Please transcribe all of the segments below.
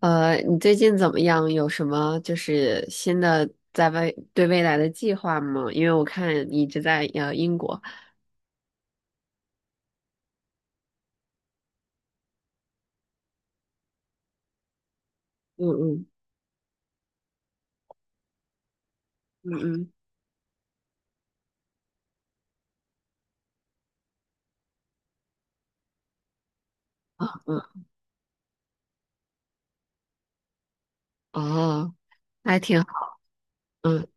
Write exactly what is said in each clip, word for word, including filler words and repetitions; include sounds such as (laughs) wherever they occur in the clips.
呃，你最近怎么样？有什么就是新的在外对未来的计划吗？因为我看你一直在呃英国。嗯嗯。嗯嗯。啊嗯。哦，还挺好。嗯。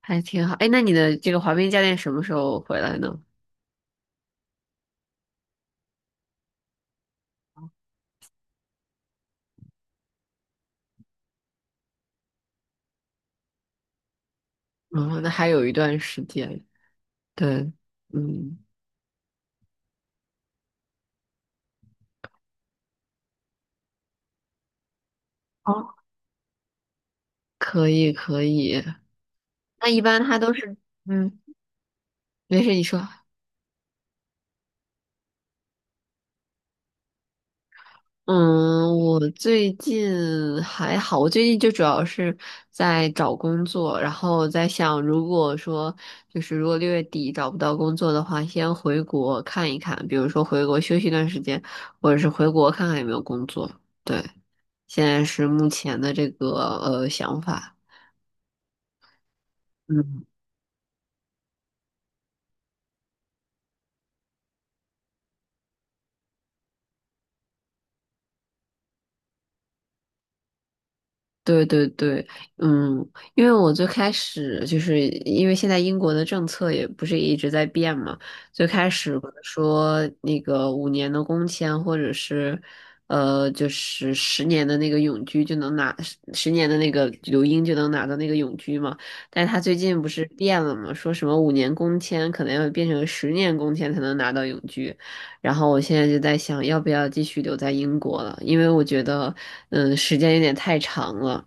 还挺好。哎，那你的这个滑冰教练什么时候回来呢？嗯，那还有一段时间，对。嗯。哦，可以可以。那一般他都是，嗯，没事，你说。嗯，我最近还好，我最近就主要是在找工作，然后在想，如果说就是如果六月底找不到工作的话，先回国看一看，比如说回国休息一段时间，或者是回国看看有没有工作。对，现在是目前的这个呃想法。嗯。对对对。嗯，因为我最开始就是因为现在英国的政策也不是一直在变嘛，最开始可能说那个五年的工签或者是呃就是十年的那个永居就能拿十十年的那个留英就能拿到那个永居嘛，但是他最近不是变了嘛，说什么五年工签可能要变成十年工签才能拿到永居，然后我现在就在想要不要继续留在英国了，因为我觉得嗯时间有点太长了。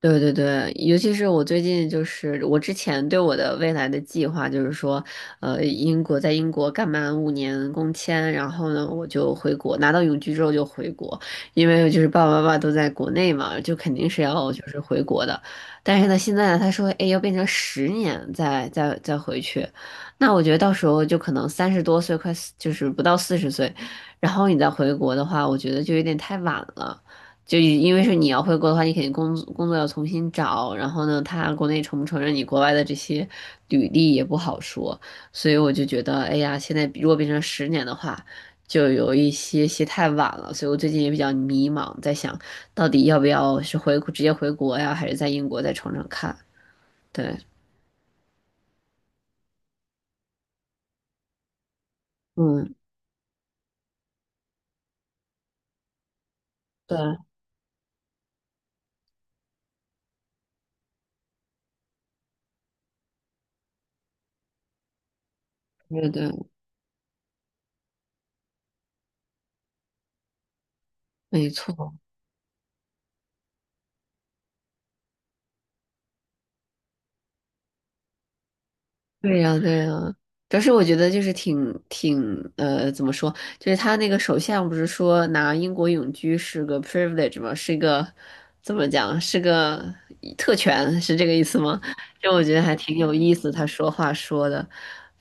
对对对，尤其是我最近就是我之前对我的未来的计划就是说，呃，英国在英国干满五年工签，然后呢我就回国，拿到永居之后就回国，因为就是爸爸妈妈都在国内嘛，就肯定是要就是回国的。但是呢，现在呢他说，哎，要变成十年再再再回去，那我觉得到时候就可能三十多岁，快四就是不到四十岁，然后你再回国的话，我觉得就有点太晚了。就因为是你要回国的话，你肯定工作工作要重新找，然后呢，他国内承不承认你国外的这些履历也不好说，所以我就觉得，哎呀，现在如果变成十年的话，就有一些些太晚了，所以我最近也比较迷茫，在想到底要不要是回直接回国呀，还是在英国再闯闯看？对。嗯，对。对对。没错。对呀，对呀，主要是我觉得就是挺挺呃，怎么说，就是他那个首相不是说拿英国永居是个 privilege 吗？是一个怎么讲？是个特权，是这个意思吗？就我觉得还挺有意思，他说话说的，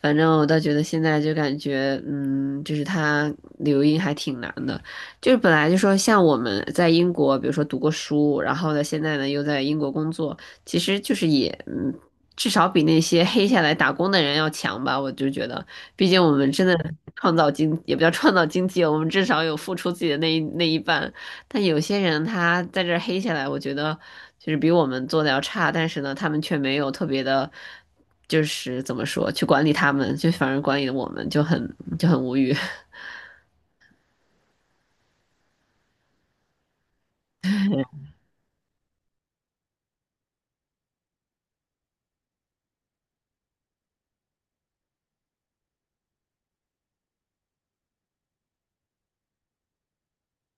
反正我倒觉得现在就感觉，嗯，就是他留英还挺难的，就是本来就说像我们在英国，比如说读过书，然后呢，现在呢又在英国工作。其实就是也嗯，至少比那些黑下来打工的人要强吧。我就觉得，毕竟我们真的创造经，也不叫创造经济，我们至少有付出自己的那一那一半。但有些人他在这儿黑下来，我觉得就是比我们做的要差，但是呢，他们却没有特别的，就是怎么说，去管理他们，就反而管理我们，就很就很无语。(laughs)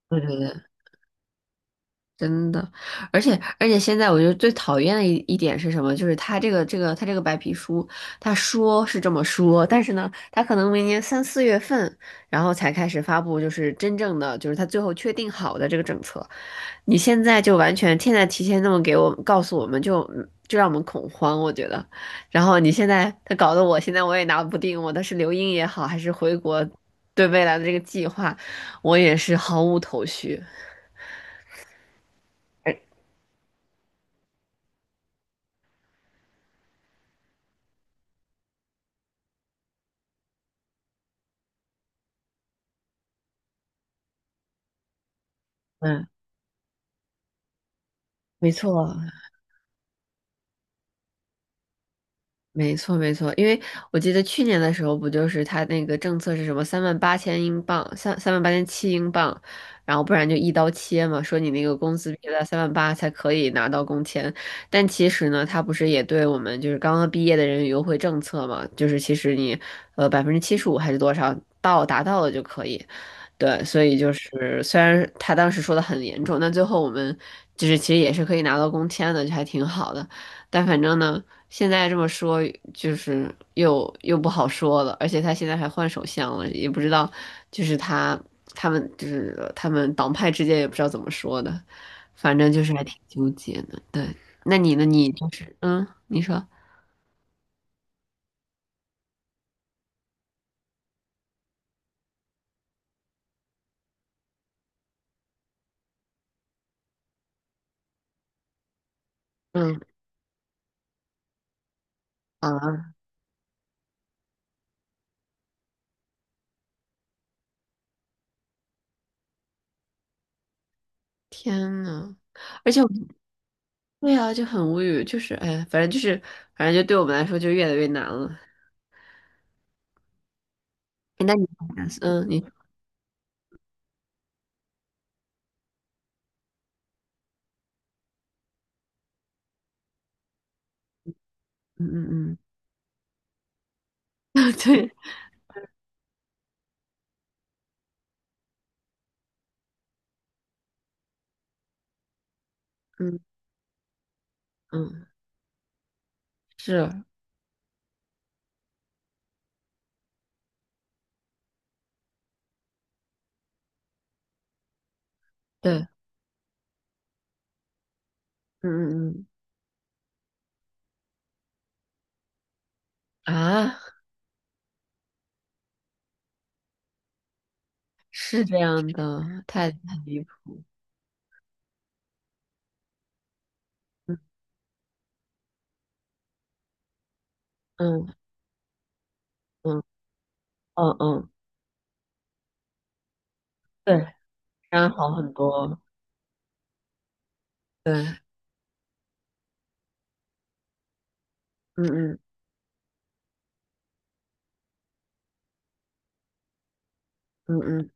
对对对，真的，而且而且现在我觉得最讨厌的一一点是什么？就是他这个这个他这个白皮书，他说是这么说，但是呢，他可能明年三四月份，然后才开始发布，就是真正的就是他最后确定好的这个政策。你现在就完全现在提前那么给我告诉我们就，就让我们恐慌，我觉得。然后你现在他搞得我现在我也拿不定，我的是留英也好，还是回国，对未来的这个计划，我也是毫无头绪。嗯，没错。没错，没错，因为我记得去年的时候，不就是他那个政策是什么三万八千英镑，三三万八千七英镑，然后不然就一刀切嘛，说你那个工资必须在三万八才可以拿到工签。但其实呢，他不是也对我们就是刚刚毕业的人有优惠政策嘛，就是其实你呃百分之七十五还是多少到达到了就可以。对，所以就是虽然他当时说的很严重，但最后我们就是其实也是可以拿到工签的，就还挺好的。但反正呢。现在这么说，就是又又不好说了，而且他现在还换首相了，也不知道，就是他他们就是他们党派之间也不知道怎么说的，反正就是还挺纠结的。对，那你呢？你就是嗯，你说。嗯啊。天呐。而且我对啊，就很无语，就是哎，反正就是反正就对我们来说就越来越难了。哎那你。嗯，你。嗯嗯嗯 (laughs)，对。嗯嗯。是，对。嗯嗯。嗯啊。是这样的，太太离谱。嗯嗯。嗯嗯。嗯，对，当然样好很多，对。嗯嗯嗯嗯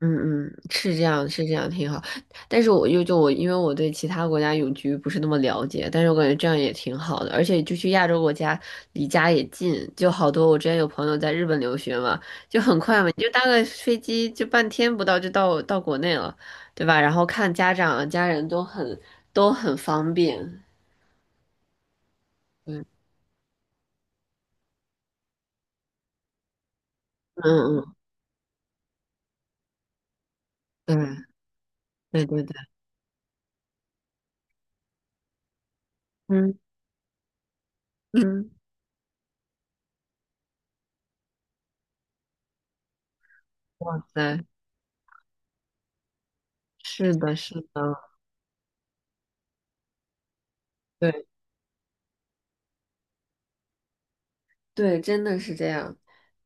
嗯嗯。是这样是这样，挺好。但是我又就我，因为我对其他国家永居不是那么了解，但是我感觉这样也挺好的，而且就去亚洲国家，离家也近，就好多。我之前有朋友在日本留学嘛，就很快嘛，你就搭个飞机就半天不到就到到国内了，对吧？然后看家长啊家人都很都很方便。嗯。嗯嗯。对对对对。嗯嗯。(laughs) 哇塞。是的，是的。对。对，真的是这样。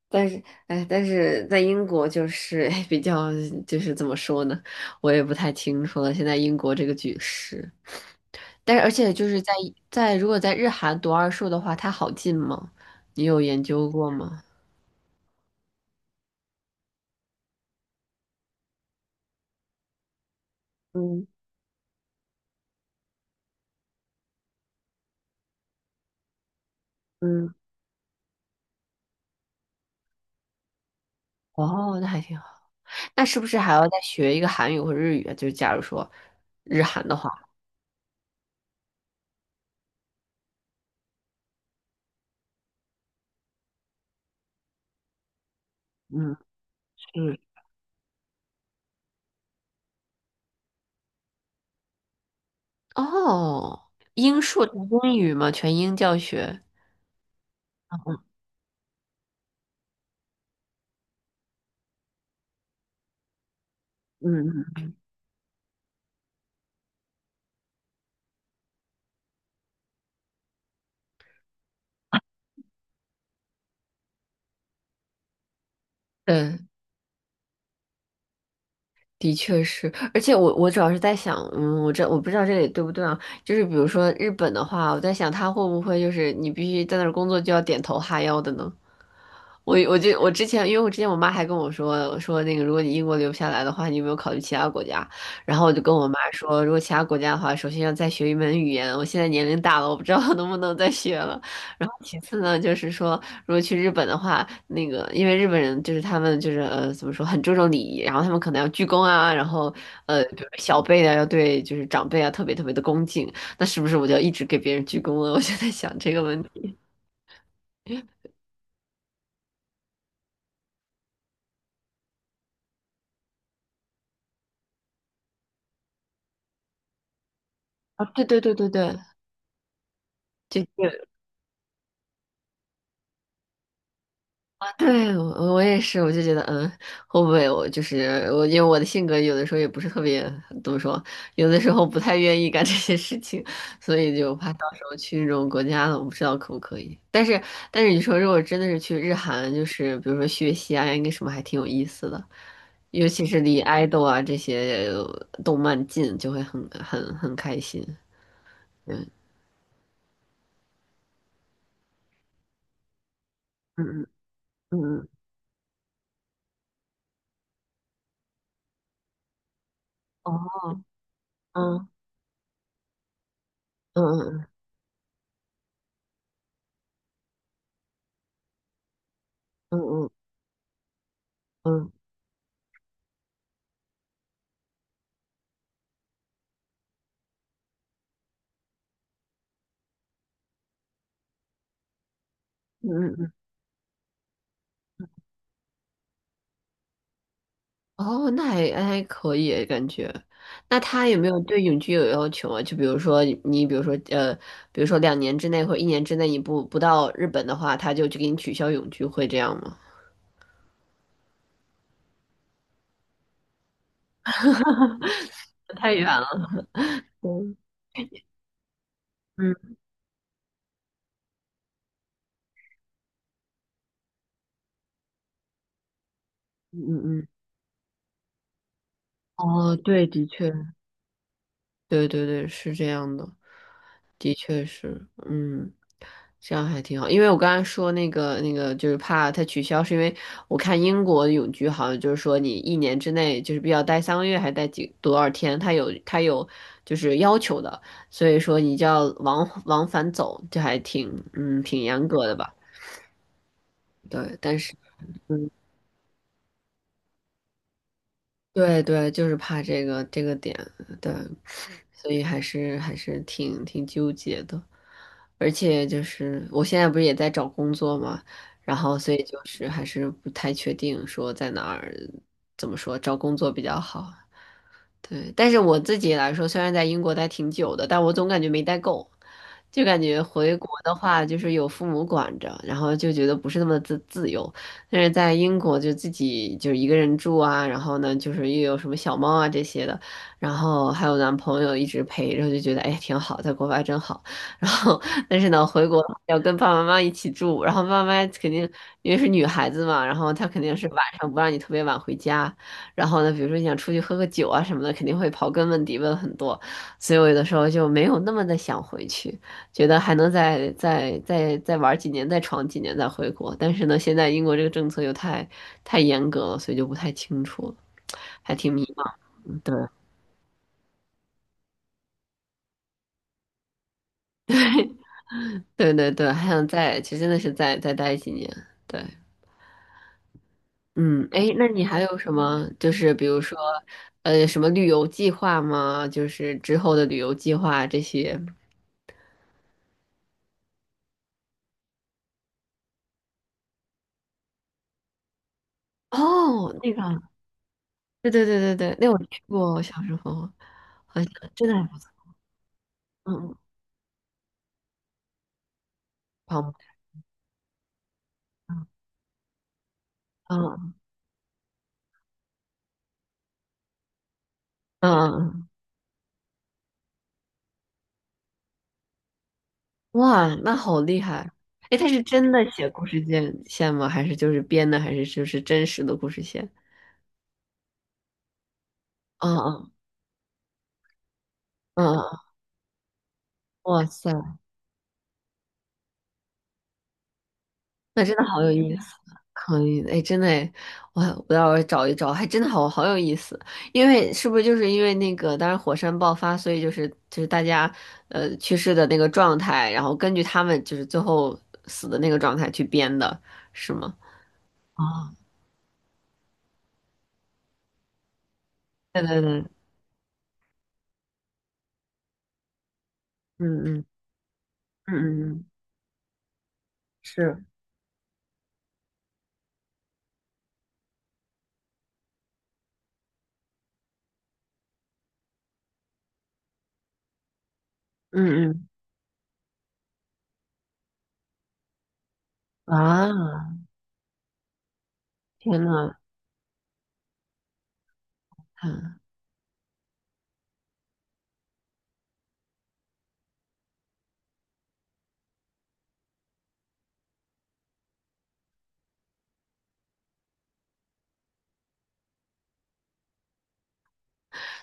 但是，哎，但是在英国就是 (laughs) 比较，就是怎么说呢，我也不太清楚了。现在英国这个局势，但是而且就是在在如果在日韩读二硕的话，它好进吗？你有研究过吗？嗯嗯。哦，那还挺好。那是不是还要再学一个韩语或者日语啊？就是假如说日韩的话，嗯嗯。是。哦，英数读英语嘛，全英教学。嗯，对，的确是，而且我我主要是在想，嗯，我这我不知道这里对不对啊？就是比如说日本的话，我在想他会不会就是你必须在那儿工作就要点头哈腰的呢？我我就我之前，因为我之前我妈还跟我说说那个，如果你英国留不下来的话，你有没有考虑其他国家？然后我就跟我妈说，如果其他国家的话，首先要再学一门语言。我现在年龄大了，我不知道能不能再学了。然后其次呢，就是说如果去日本的话，那个因为日本人就是他们就是呃怎么说很注重礼仪，然后他们可能要鞠躬啊，然后呃比如说小辈啊要对就是长辈啊特别特别的恭敬，那是不是我就要一直给别人鞠躬了？(laughs) 我就在想这个问题。啊，对对对对对。就。这 (laughs) 对，我我也是，我就觉得，嗯，会不会我就是我，因为我的性格有的时候也不是特别，怎么说，有的时候不太愿意干这些事情，所以就怕到时候去那种国家了，我不知道可不可以。但是，但是你说如果真的是去日韩，就是比如说学习啊，应该什么还挺有意思的，尤其是离爱豆啊这些动漫近，就会很很很开心。嗯嗯嗯嗯嗯，哦，嗯嗯嗯嗯嗯嗯嗯嗯嗯。哦，那还还可以感觉。那他有没有对永居有要求啊？就比如说你，比如说呃，比如说两年之内或一年之内你不不到日本的话，他就去给你取消永居，会这样吗？太远了。对嗯嗯嗯嗯，哦，对，的确。对对对，是这样的，的确是，嗯，这样还挺好。因为我刚才说那个那个，就是怕它取消，是因为我看英国的永居好像就是说你一年之内就是必须要待三个月，还待几多少天，它有它有就是要求的，所以说你就要往往返走，这还挺嗯挺严格的吧？对，但是嗯，对对，就是怕这个这个点，对。所以还是还是挺挺纠结的。而且就是我现在不是也在找工作嘛，然后所以就是还是不太确定说在哪儿，怎么说找工作比较好。对，但是我自己来说，虽然在英国待挺久的，但我总感觉没待够，就感觉回国的话，就是有父母管着，然后就觉得不是那么自自由。但是在英国就自己就是一个人住啊，然后呢，就是又有什么小猫啊这些的，然后还有男朋友一直陪着，就觉得哎挺好，在国外真好。然后但是呢，回国要跟爸爸妈妈一起住，然后爸妈肯定因为是女孩子嘛，然后她肯定是晚上不让你特别晚回家。然后呢，比如说你想出去喝个酒啊什么的，肯定会刨根问底问很多，所以我有的时候就没有那么的想回去，觉得还能再再再再玩几年，再闯几年再回国。但是呢，现在英国这个政策又太太严格了，所以就不太清楚了，还挺迷茫。对对对对，还想再，其实真的是再再待几年。对，嗯，哎，那你还有什么？就是比如说，呃，什么旅游计划吗？就是之后的旅游计划这些。哦，那个。对对对对对，那我去过，我小时候好像真的还不错。嗯，嗯，步，嗯嗯嗯，嗯哇，那好厉害！哎，他是真的写故事线线吗？还是就是编的？还是就是真实的故事线？嗯嗯嗯嗯，哇塞，那真的好有意思。可以的，哎，真的诶，我我要找一找，还真的好好有意思。因为是不是就是因为那个，当时火山爆发，所以就是就是大家呃去世的那个状态，然后根据他们就是最后死的那个状态去编的，是吗？哦，对对对，嗯嗯嗯嗯嗯，是，嗯嗯啊，天呐，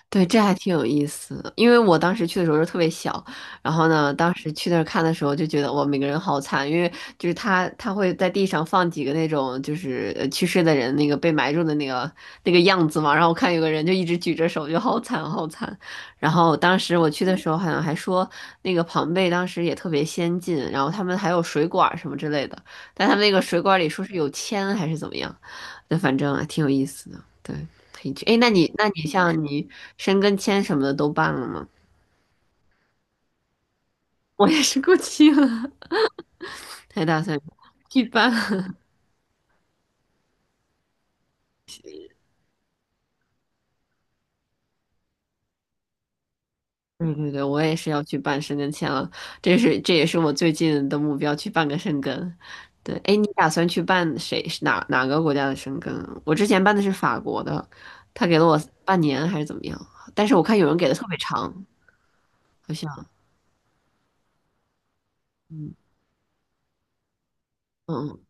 对，这还挺有意思的，因为我当时去的时候是特别小，然后呢，当时去那儿看的时候就觉得哇，每个人好惨，因为就是他他会在地上放几个那种就是呃去世的人那个被埋住的那个那个样子嘛，然后我看有个人就一直举着手，就好惨好惨。然后当时我去的时候好像还说那个庞贝当时也特别先进，然后他们还有水管儿什么之类的，但他们那个水管儿里说是有铅还是怎么样，那反正还挺有意思的，对。可以去。哎，那你那你像你申根签什么的都办了吗？我也是过期了，还打算去办。(laughs) 对对对，我也是要去办申根签了，这是这也是我最近的目标，去办个申根。对，哎，你打算去办谁哪哪个国家的申根啊？我之前办的是法国的，他给了我半年还是怎么样？但是我看有人给的特别长，好像，嗯嗯，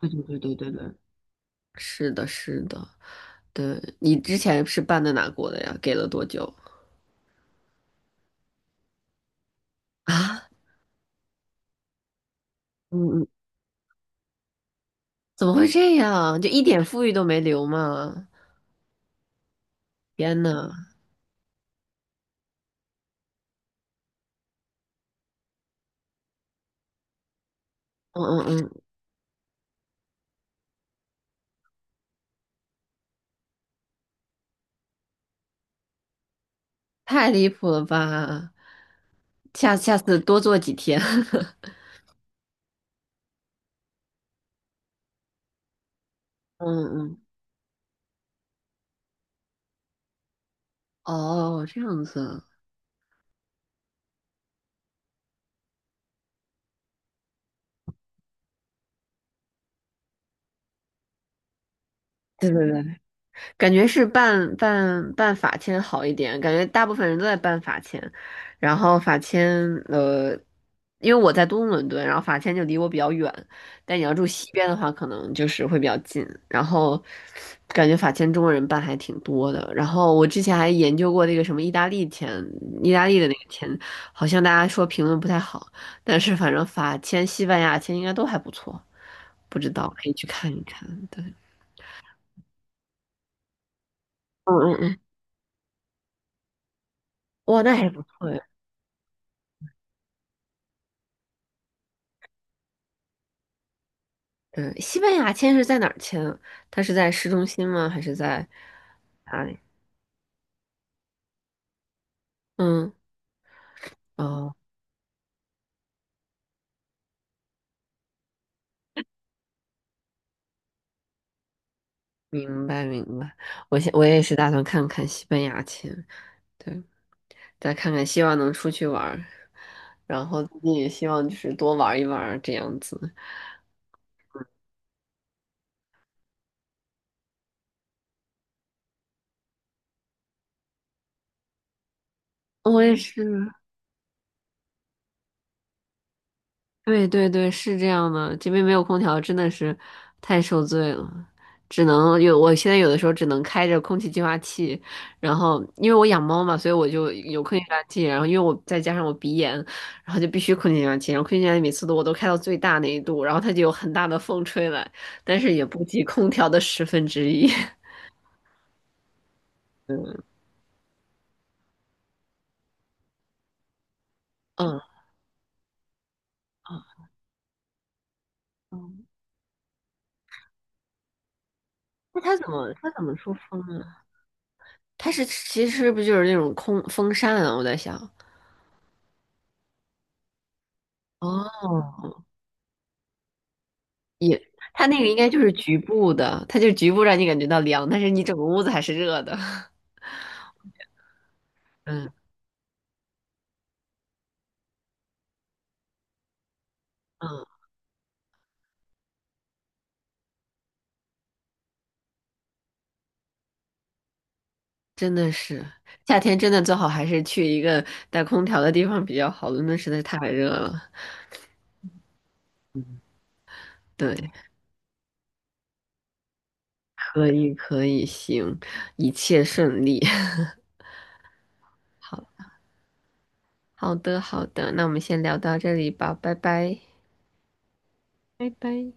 对对对对对对，是的，是的，对，你之前是办的哪国的呀？给了多久？啊，嗯嗯，怎么会这样？就一点富裕都没留吗？天呐，嗯嗯嗯，太离谱了吧！下下次多做几天。(laughs) 嗯嗯，哦，这样子啊，对对对，感觉是办办办法签好一点，感觉大部分人都在办法签，然后法签呃，因为我在东伦敦，然后法签就离我比较远，但你要住西边的话，可能就是会比较近。然后感觉法签中国人办还挺多的，然后我之前还研究过那个什么意大利签，意大利的那个签，好像大家说评论不太好，但是反正法签、西班牙签应该都还不错，不知道可以去看一看。对，嗯嗯嗯，哇，那还不错。呀。嗯，西班牙签是在哪儿签啊？它是在市中心吗？还是在哪里？嗯，哦，明白明白。我现我也是打算看看西班牙签，对，再看看，希望能出去玩儿，然后自己也希望就是多玩一玩儿这样子。我也是，对对对，是这样的，这边没有空调，真的是太受罪了，只能有，我现在有的时候只能开着空气净化器，然后因为我养猫嘛，所以我就有空气净化器，然后因为我再加上我鼻炎，然后就必须空气净化器，然后空气净化器每次都我都开到最大那一度，然后它就有很大的风吹来，但是也不及空调的十分之一。(laughs) 嗯嗯，嗯那它怎么它怎么出风啊？它是其实是不是就是那种空风扇啊？我在想。哦它那个应该就是局部的，它就局部让你感觉到凉，但是你整个屋子还是热的。(laughs) 嗯嗯，真的是，夏天真的最好还是去一个带空调的地方比较好，伦敦实在太热了。对，可以可以，行，一切顺利。(laughs) 好好的好的，那我们先聊到这里吧，拜拜。拜拜。